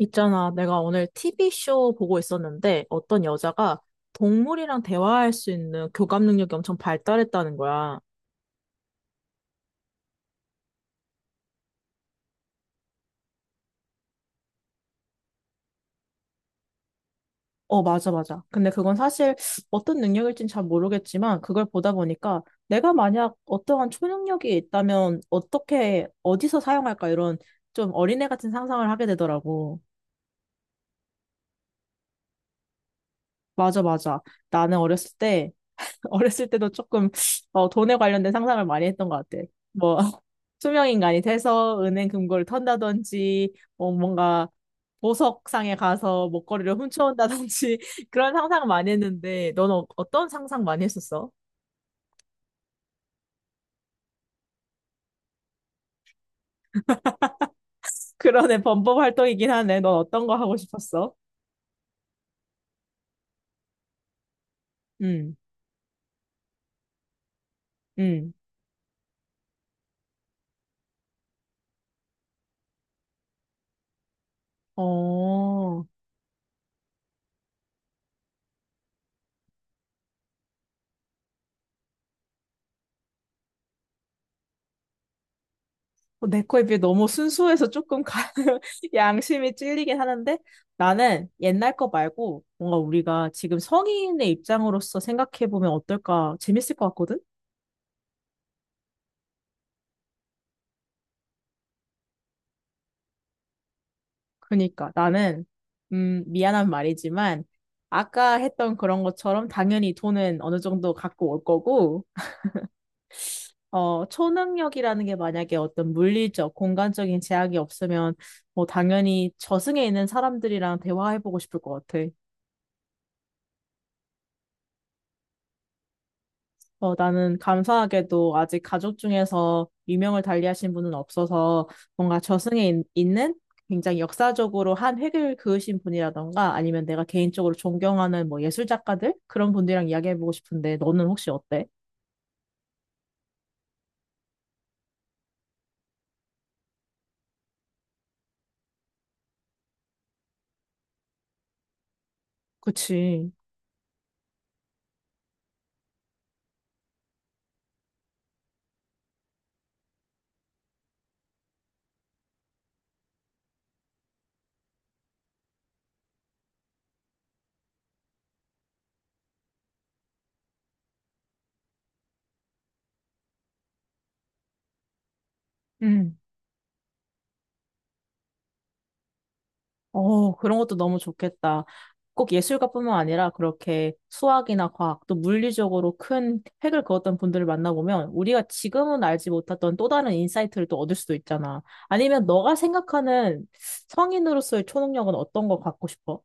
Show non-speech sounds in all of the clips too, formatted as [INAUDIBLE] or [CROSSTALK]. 있잖아, 내가 오늘 TV쇼 보고 있었는데 어떤 여자가 동물이랑 대화할 수 있는 교감 능력이 엄청 발달했다는 거야. 맞아, 맞아. 근데 그건 사실 어떤 능력일진 잘 모르겠지만 그걸 보다 보니까 내가 만약 어떠한 초능력이 있다면 어떻게, 어디서 사용할까 이런 좀 어린애 같은 상상을 하게 되더라고. 맞아, 맞아. 나는 어렸을 때도 조금 돈에 관련된 상상을 많이 했던 것 같아. 뭐 [LAUGHS] 투명인간이 돼서 은행 금고를 턴다든지 뭐 뭔가 보석상에 가서 목걸이를 훔쳐온다든지 [LAUGHS] 그런 상상 을 많이 했는데 넌 어떤 상상 많이 했었어? [LAUGHS] 그러네, 범법 활동이긴 하네. 넌 어떤 거 하고 싶었어? 응. 응. 어. 어, 내 거에 비해 너무 순수해서 조금 [LAUGHS] 양심이 찔리긴 하는데, 나는 옛날 거 말고 뭔가 우리가 지금 성인의 입장으로서 생각해보면 어떨까 재밌을 것 같거든? 그러니까 나는, 미안한 말이지만 아까 했던 그런 것처럼 당연히 돈은 어느 정도 갖고 올 거고, 어, 초능력이라는 게 만약에 어떤 물리적, 공간적인 제약이 없으면 뭐 당연히 저승에 있는 사람들이랑 대화해보고 싶을 것 같아. 어, 나는 감사하게도 아직 가족 중에서 유명을 달리하신 분은 없어서 뭔가 저승에 있는 굉장히 역사적으로 한 획을 그으신 분이라던가 아니면 내가 개인적으로 존경하는 뭐 예술 작가들? 그런 분들이랑 이야기해보고 싶은데, 너는 혹시 어때? 그치. 음. 어, 그런 것도 너무 좋겠다. 꼭 예술가뿐만 아니라 그렇게 수학이나 과학, 또 물리적으로 큰 획을 그었던 분들을 만나보면 우리가 지금은 알지 못했던 또 다른 인사이트를 또 얻을 수도 있잖아. 아니면 너가 생각하는 성인으로서의 초능력은 어떤 거 갖고 싶어?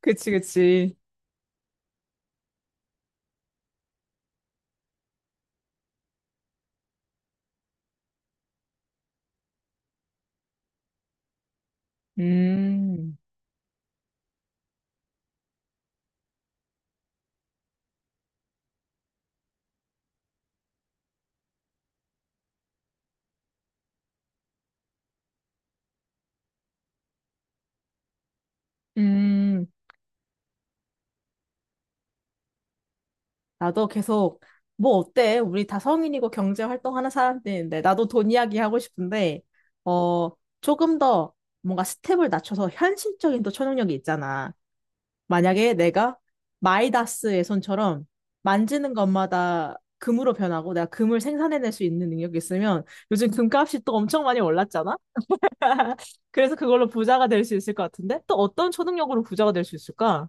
그치, 그치. 음, 음. 나도 계속, 뭐 어때? 우리 다 성인이고 경제 활동하는 사람들인데 나도 돈 이야기 하고 싶은데. 어, 조금 더 뭔가 스텝을 낮춰서 현실적인 또 초능력이 있잖아. 만약에 내가 마이다스의 손처럼 만지는 것마다 금으로 변하고 내가 금을 생산해낼 수 있는 능력이 있으면, 요즘 금값이 또 엄청 많이 올랐잖아. 그래서 그걸로 부자가 될 수 있을 것 같은데, 또 어떤 초능력으로 부자가 될 수 있을까?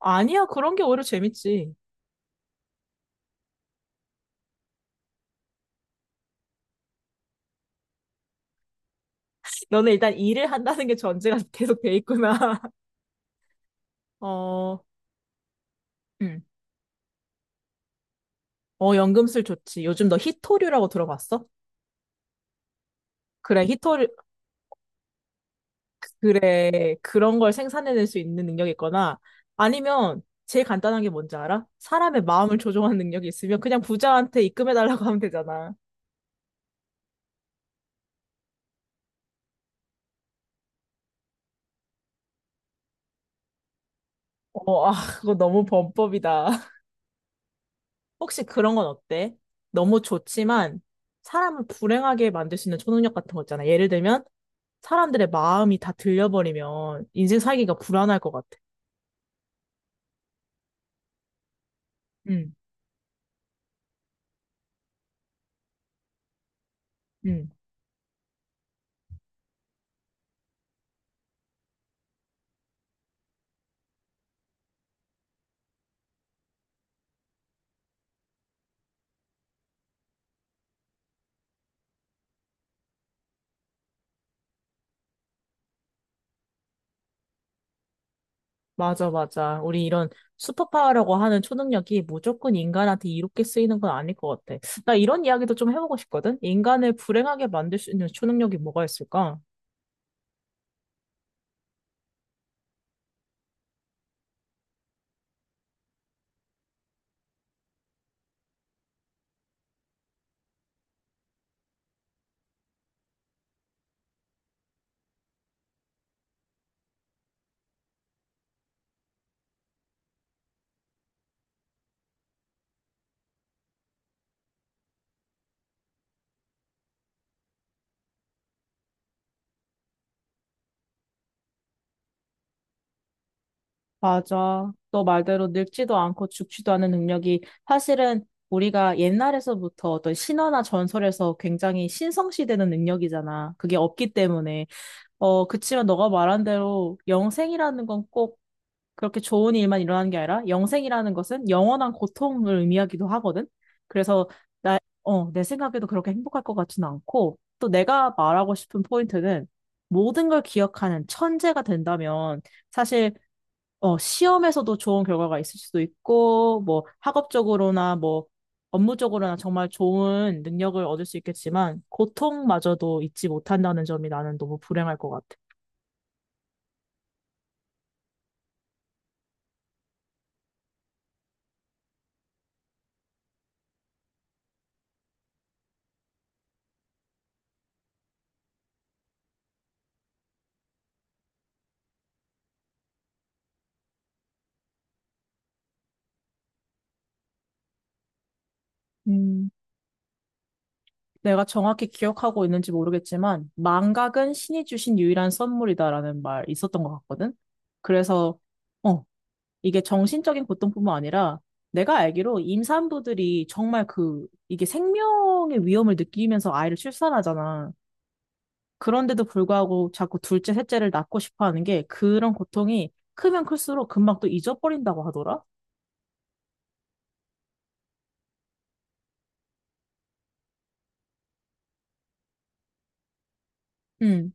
아니야, 그런 게 오히려 재밌지. 너는 일단 일을 한다는 게 전제가 [LAUGHS] 계속 돼 있구나. [LAUGHS] 어, 음. 어, 연금술 좋지. 요즘 너 희토류라고 들어봤어? 그래, 희토류, 그래, 그런 걸 생산해낼 수 있는 능력이 있거나, 아니면 제일 간단한 게 뭔지 알아? 사람의 마음을 조종하는 능력이 있으면 그냥 부자한테 입금해달라고 하면 되잖아. 어, 아, 그거 너무 범법이다. 혹시 그런 건 어때? 너무 좋지만, 사람을 불행하게 만들 수 있는 초능력 같은 거 있잖아. 예를 들면 사람들의 마음이 다 들려버리면 인생 살기가 불안할 것 같아. 응, 응. 맞아, 맞아. 우리 이런 슈퍼파워라고 하는 초능력이 무조건 인간한테 이롭게 쓰이는 건 아닐 것 같아. 나 이런 이야기도 좀 해보고 싶거든? 인간을 불행하게 만들 수 있는 초능력이 뭐가 있을까? 맞아. 너 말대로 늙지도 않고 죽지도 않은 능력이 사실은 우리가 옛날에서부터 어떤 신화나 전설에서 굉장히 신성시되는 능력이잖아, 그게 없기 때문에. 어, 그치만 너가 말한 대로 영생이라는 건 꼭 그렇게 좋은 일만 일어나는 게 아니라, 영생이라는 것은 영원한 고통을 의미하기도 하거든. 그래서 나, 어, 내 생각에도 그렇게 행복할 것 같지는 않고, 또 내가 말하고 싶은 포인트는 모든 걸 기억하는 천재가 된다면 사실 어, 시험에서도 좋은 결과가 있을 수도 있고, 뭐, 학업적으로나 뭐, 업무적으로나 정말 좋은 능력을 얻을 수 있겠지만, 고통마저도 잊지 못한다는 점이 나는 너무 불행할 것 같아. 음, 내가 정확히 기억하고 있는지 모르겠지만, 망각은 신이 주신 유일한 선물이다라는 말 있었던 것 같거든? 그래서, 어, 이게 정신적인 고통뿐만 아니라, 내가 알기로 임산부들이 정말 그, 이게 생명의 위험을 느끼면서 아이를 출산하잖아. 그런데도 불구하고 자꾸 둘째, 셋째를 낳고 싶어 하는 게, 그런 고통이 크면 클수록 금방 또 잊어버린다고 하더라? 음.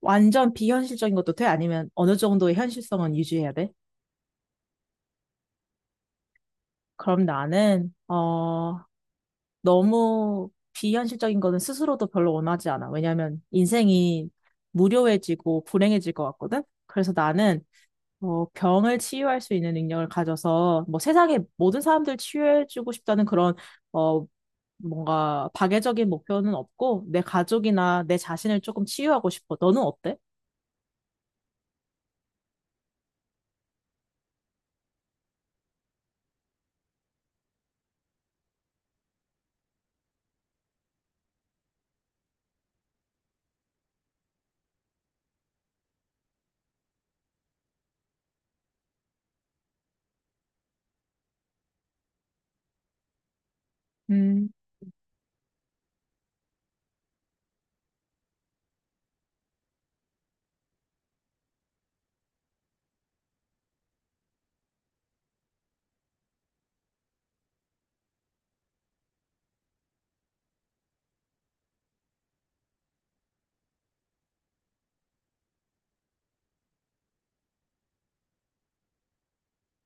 완전 비현실적인 것도 돼? 아니면 어느 정도의 현실성은 유지해야 돼? 그럼 나는, 어, 너무 비현실적인 거는 스스로도 별로 원하지 않아. 왜냐면 인생이 무료해지고 불행해질 것 같거든? 그래서 나는, 어, 병을 치유할 수 있는 능력을 가져서 뭐 세상의 모든 사람들 치유해주고 싶다는 그런, 어, 뭔가 박애적인 목표는 없고 내 가족이나 내 자신을 조금 치유하고 싶어. 너는 어때? 음.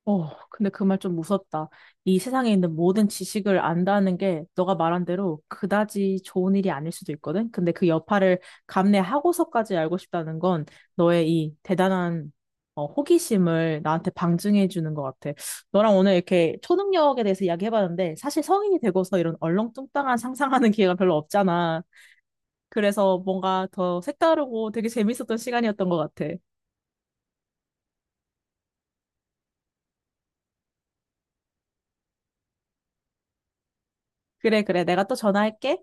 어, 근데 그 말 좀 무섭다. 이 세상에 있는 모든 지식을 안다는 게 너가 말한 대로 그다지 좋은 일이 아닐 수도 있거든. 근데 그 여파를 감내하고서까지 알고 싶다는 건 너의 이 대단한, 어, 호기심을 나한테 방증해 주는 것 같아. 너랑 오늘 이렇게 초능력에 대해서 이야기해봤는데 사실 성인이 되고서 이런 얼렁뚱땅한 상상하는 [LAUGHS] 기회가 별로 없잖아. 그래서 뭔가 더 색다르고 되게 재밌었던 시간이었던 것 같아. 그래, 그래. 내가 또 전화할게.